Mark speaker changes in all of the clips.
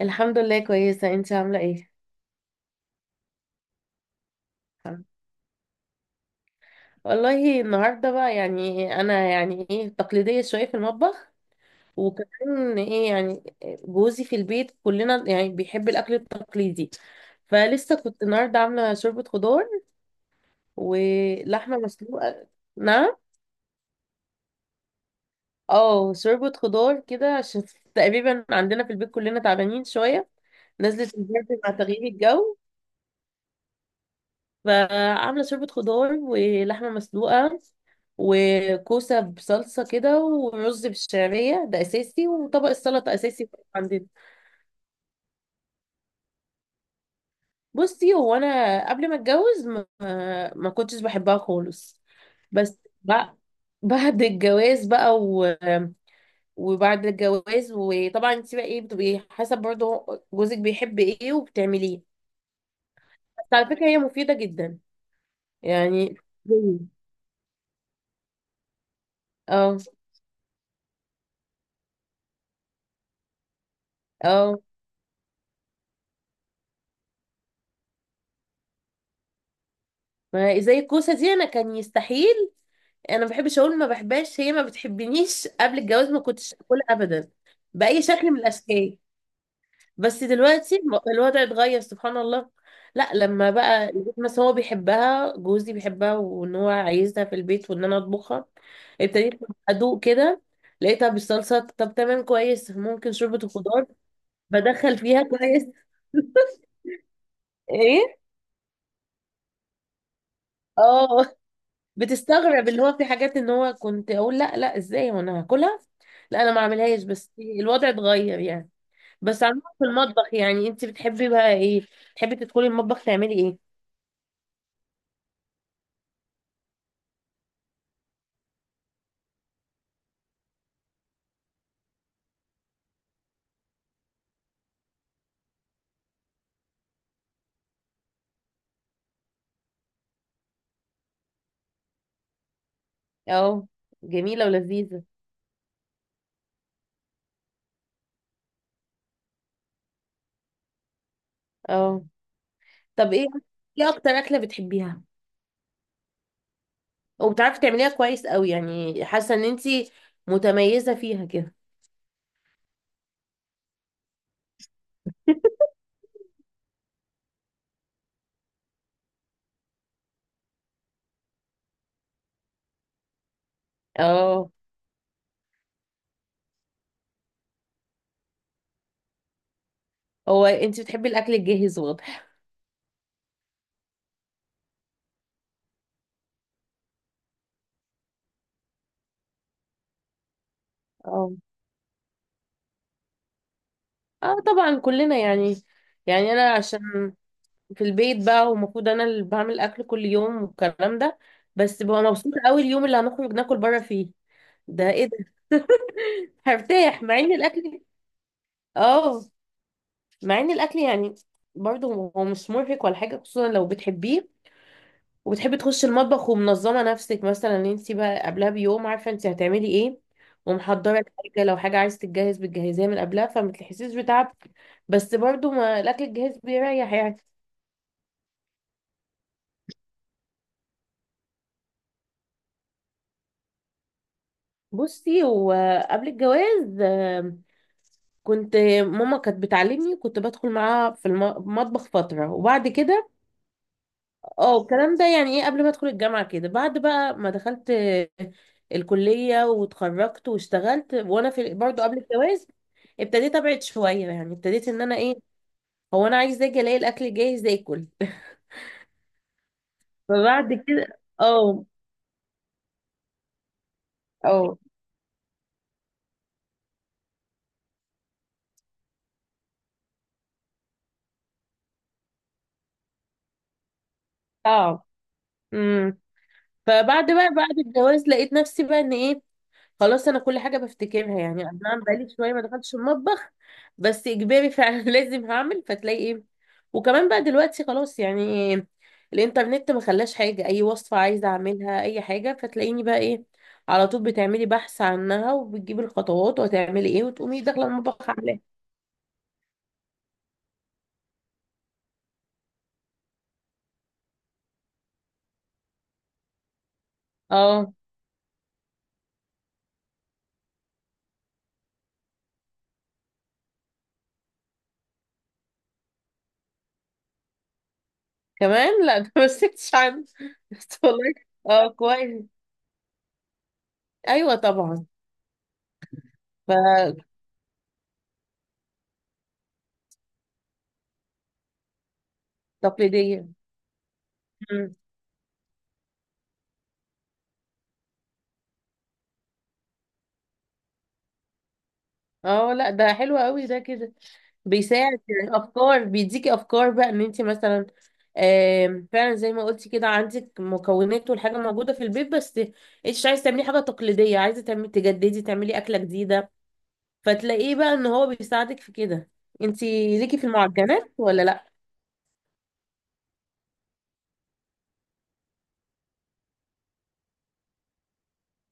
Speaker 1: الحمد لله كويسة، انت عاملة ايه؟ الحمد. والله النهاردة بقى يعني انا يعني ايه تقليدية شوية في المطبخ. وكمان ايه يعني جوزي في البيت كلنا يعني بيحب الاكل التقليدي. فلسه كنت النهاردة عاملة شوربة خضار ولحمة مسلوقة. نعم. اه، شوربة خضار كده عشان تقريبا عندنا في البيت كلنا تعبانين شوية. نزلت البرد مع تغيير الجو. فعاملة شوربة خضار ولحمة مسلوقة وكوسة بصلصة كده ورز بالشعرية ده أساسي وطبق السلطة أساسي عندنا. بصي، هو أنا قبل ما أتجوز ما كنتش بحبها خالص. بس بقى بعد الجواز بقى وبعد الجواز وطبعا انت بقى ايه بتبقي حسب برضه جوزك بيحب ايه وبتعمليه. بس على فكرة هي مفيدة جدا يعني. اه. اه، ما هي زي الكوسه دي انا كان يستحيل. انا ما بحبش اقول ما بحبهاش، هي ما بتحبنيش. قبل الجواز ما كنتش اكلها ابدا باي شكل من الاشكال. بس دلوقتي الوضع اتغير سبحان الله. لا، لما بقى البيت مثلا هو بيحبها، جوزي بيحبها وان هو عايزها في البيت وان انا اطبخها، ابتديت ادوق كده. لقيتها بالصلصه طب تمام كويس، ممكن شوربه الخضار بدخل فيها كويس. ايه. اه، بتستغرب اللي هو في حاجات ان هو كنت اقول لا ازاي وانا هاكلها؟ لا انا ما اعملهاش، بس الوضع اتغير يعني. بس عموما في المطبخ يعني انت بتحبي بقى ايه؟ بتحبي تدخلي المطبخ تعملي ايه؟ اه، جميلة ولذيذة. اه، طب ايه، ايه اكتر اكلة بتحبيها وبتعرفي تعمليها كويس قوي يعني حاسة ان انت متميزة فيها كده؟ اه، هو انت بتحبي الاكل الجاهز واضح. اه، اه طبعا كلنا يعني. يعني انا عشان في البيت بقى ومفروض انا اللي بعمل اكل كل يوم والكلام ده، بس ببقى مبسوطه قوي اليوم اللي هنخرج ناكل بره فيه. ده ايه ده؟ هرتاح مع ان الاكل، اه، مع ان الاكل يعني برضه هو هو مش مرهق ولا حاجه، خصوصا لو بتحبيه وبتحبي تخشي المطبخ ومنظمه نفسك مثلا ان انت بقى قبلها بيوم عارفه انت هتعملي ايه ومحضره الحاجه، لو حاجه عايزه تتجهز بتجهزيها من قبلها فما تحسيش بتعب. بس برضه ما الاكل الجاهز بيريح يعني. بصي هو قبل الجواز كنت، ماما كانت بتعلمني، كنت بدخل معاها في المطبخ فترة وبعد كده اه الكلام ده يعني ايه قبل ما ادخل الجامعة كده. بعد بقى ما دخلت الكلية واتخرجت واشتغلت وانا في برضه قبل الجواز ابتديت ابعد شوية. يعني ابتديت ان انا ايه، هو انا عايز اجي الاقي الاكل جاهز اكل. فبعد كده اه. اه صعب. امم فبعد بقى بعد الجواز لقيت نفسي بقى ان ايه، خلاص انا كل حاجه بفتكرها. يعني انا عم بقالي شويه ما دخلتش المطبخ، بس اجباري فعلا. لازم هعمل فتلاقي ايه. وكمان بقى دلوقتي خلاص يعني الانترنت ما خلاش حاجه، اي وصفه عايزه اعملها اي حاجه فتلاقيني بقى ايه، على طول بتعملي بحث عنها وبتجيبي الخطوات وهتعملي ايه وتقومي داخله المطبخ عاملاها. اه، كمان لا ده ما سكتش عنه. بس والله. اه، كويس. ايوه طبعا. فتقليديه. اه لا، ده حلو قوي ده كده. بيساعد يعني افكار، بيديكي افكار بقى ان انت مثلا فعلا زي ما قلتي كده عندك مكونات والحاجه موجوده في البيت، بس انت مش عايزه تعملي حاجه تقليديه، عايزه تعملي تجددي تعملي اكله جديده فتلاقيه بقى ان هو بيساعدك في كده. انت ليكي في المعجنات ولا لا؟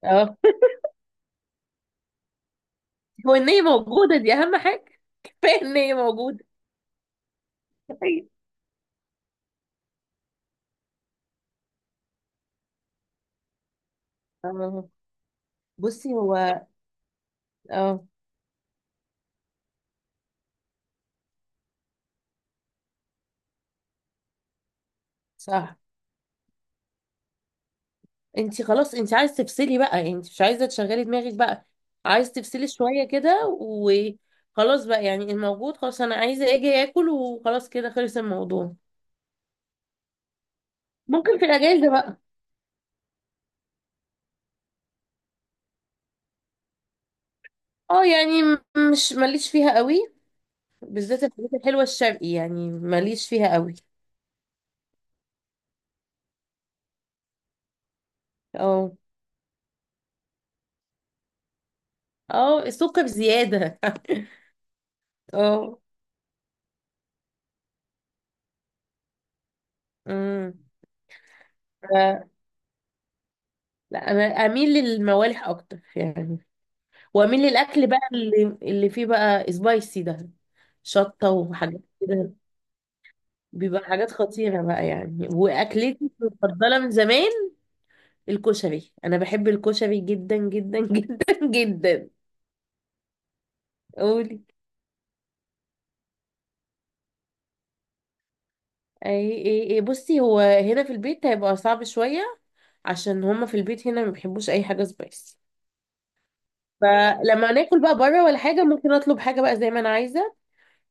Speaker 1: اه. هو ان هي موجوده دي اهم حاجه، كفايه ان هي موجوده. اه. بصي هو اه صح. انت خلاص انت عايز تفصلي بقى، انت مش عايزه تشغلي دماغك بقى، عايز تفصلي شويه كده وخلاص بقى. يعني الموجود خلاص انا عايزه اجي اكل وخلاص كده خلص الموضوع. ممكن في الاجازه بقى. اه، يعني مش ماليش فيها قوي. بالذات الحاجات الحلوه الشرقي يعني ماليش فيها قوي. اه. اه، السكر بزياده. اه. امم. ف- لا، انا اميل للموالح اكتر يعني، واميل للاكل بقى اللي فيه بقى سبايسي ده، شطه وحاجات كده. بيبقى حاجات خطيره بقى. يعني واكلتي المفضله من زمان الكشري، انا بحب الكشري جدا جدا جدا. جدا. قولي. اي اي اي، بصي هو هنا في البيت هيبقى صعب شويه عشان هما في البيت هنا ما بيحبوش اي حاجه سبايسي. فلما ناكل بقى بره ولا حاجه ممكن اطلب حاجه بقى زي ما انا عايزه.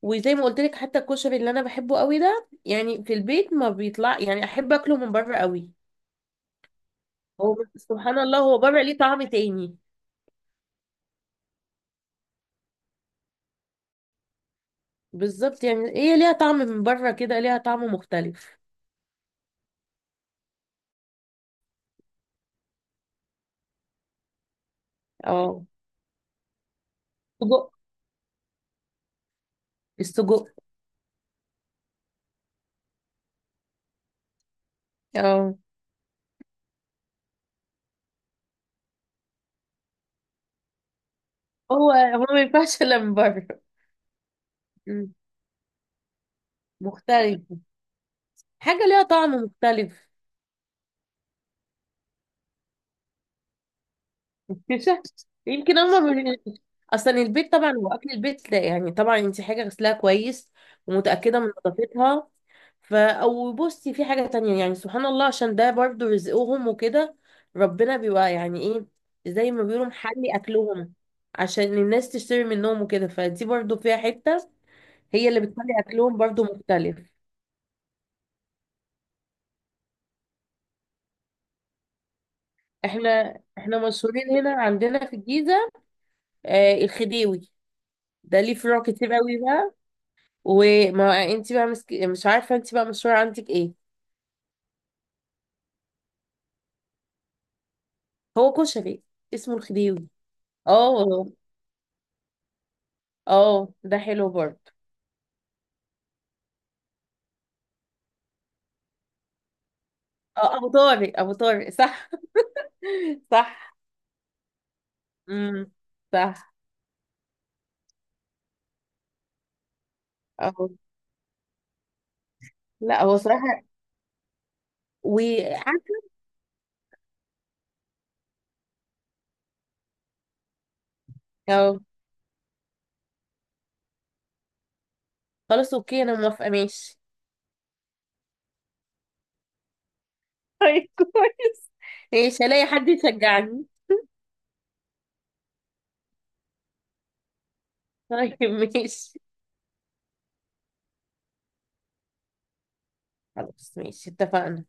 Speaker 1: وزي ما قلت لك حتى الكشري اللي انا بحبه قوي ده يعني في البيت ما بيطلع، يعني احب اكله من بره قوي. هو سبحان الله هو بره ليه طعم تاني. بالظبط، يعني هي ليها طعم من بره كده، ليها طعم مختلف. اه، سجق. السجق. اه، هو هو ما ينفعش الا من بره. مم. مختلف، حاجة ليها طعم مختلف. مش عارف. يمكن هما من... اصلا البيت طبعا هو اكل البيت لا، يعني طبعا انت حاجة غسلها كويس ومتأكدة من نظافتها. فا او بصي في حاجة تانية يعني سبحان الله، عشان ده برضو رزقهم وكده، ربنا بيبقى يعني ايه زي ما بيقولوا محلي اكلهم عشان الناس تشتري منهم وكده، فدي برضو فيها حتة هي اللي بتخلي اكلهم برضو مختلف. احنا مشهورين هنا عندنا في الجيزة، آه الخديوي، ده ليه فروع كتير قوي بقى. وما انت بقى مسك... مش عارفة انت بقى مشهورة عندك ايه. هو كشري، اسمه الخديوي. اه. اه ده حلو برضه. اه، ابو طارق، ابو طارق صح. صح. امم. صح، اهو. لا هو صراحة وعارف. اهو، خلاص اوكي انا موافقة ماشي. طيب كويس. ماشي، هلاقي حد يشجعني. طيب ماشي، خلاص ماشي، اتفقنا.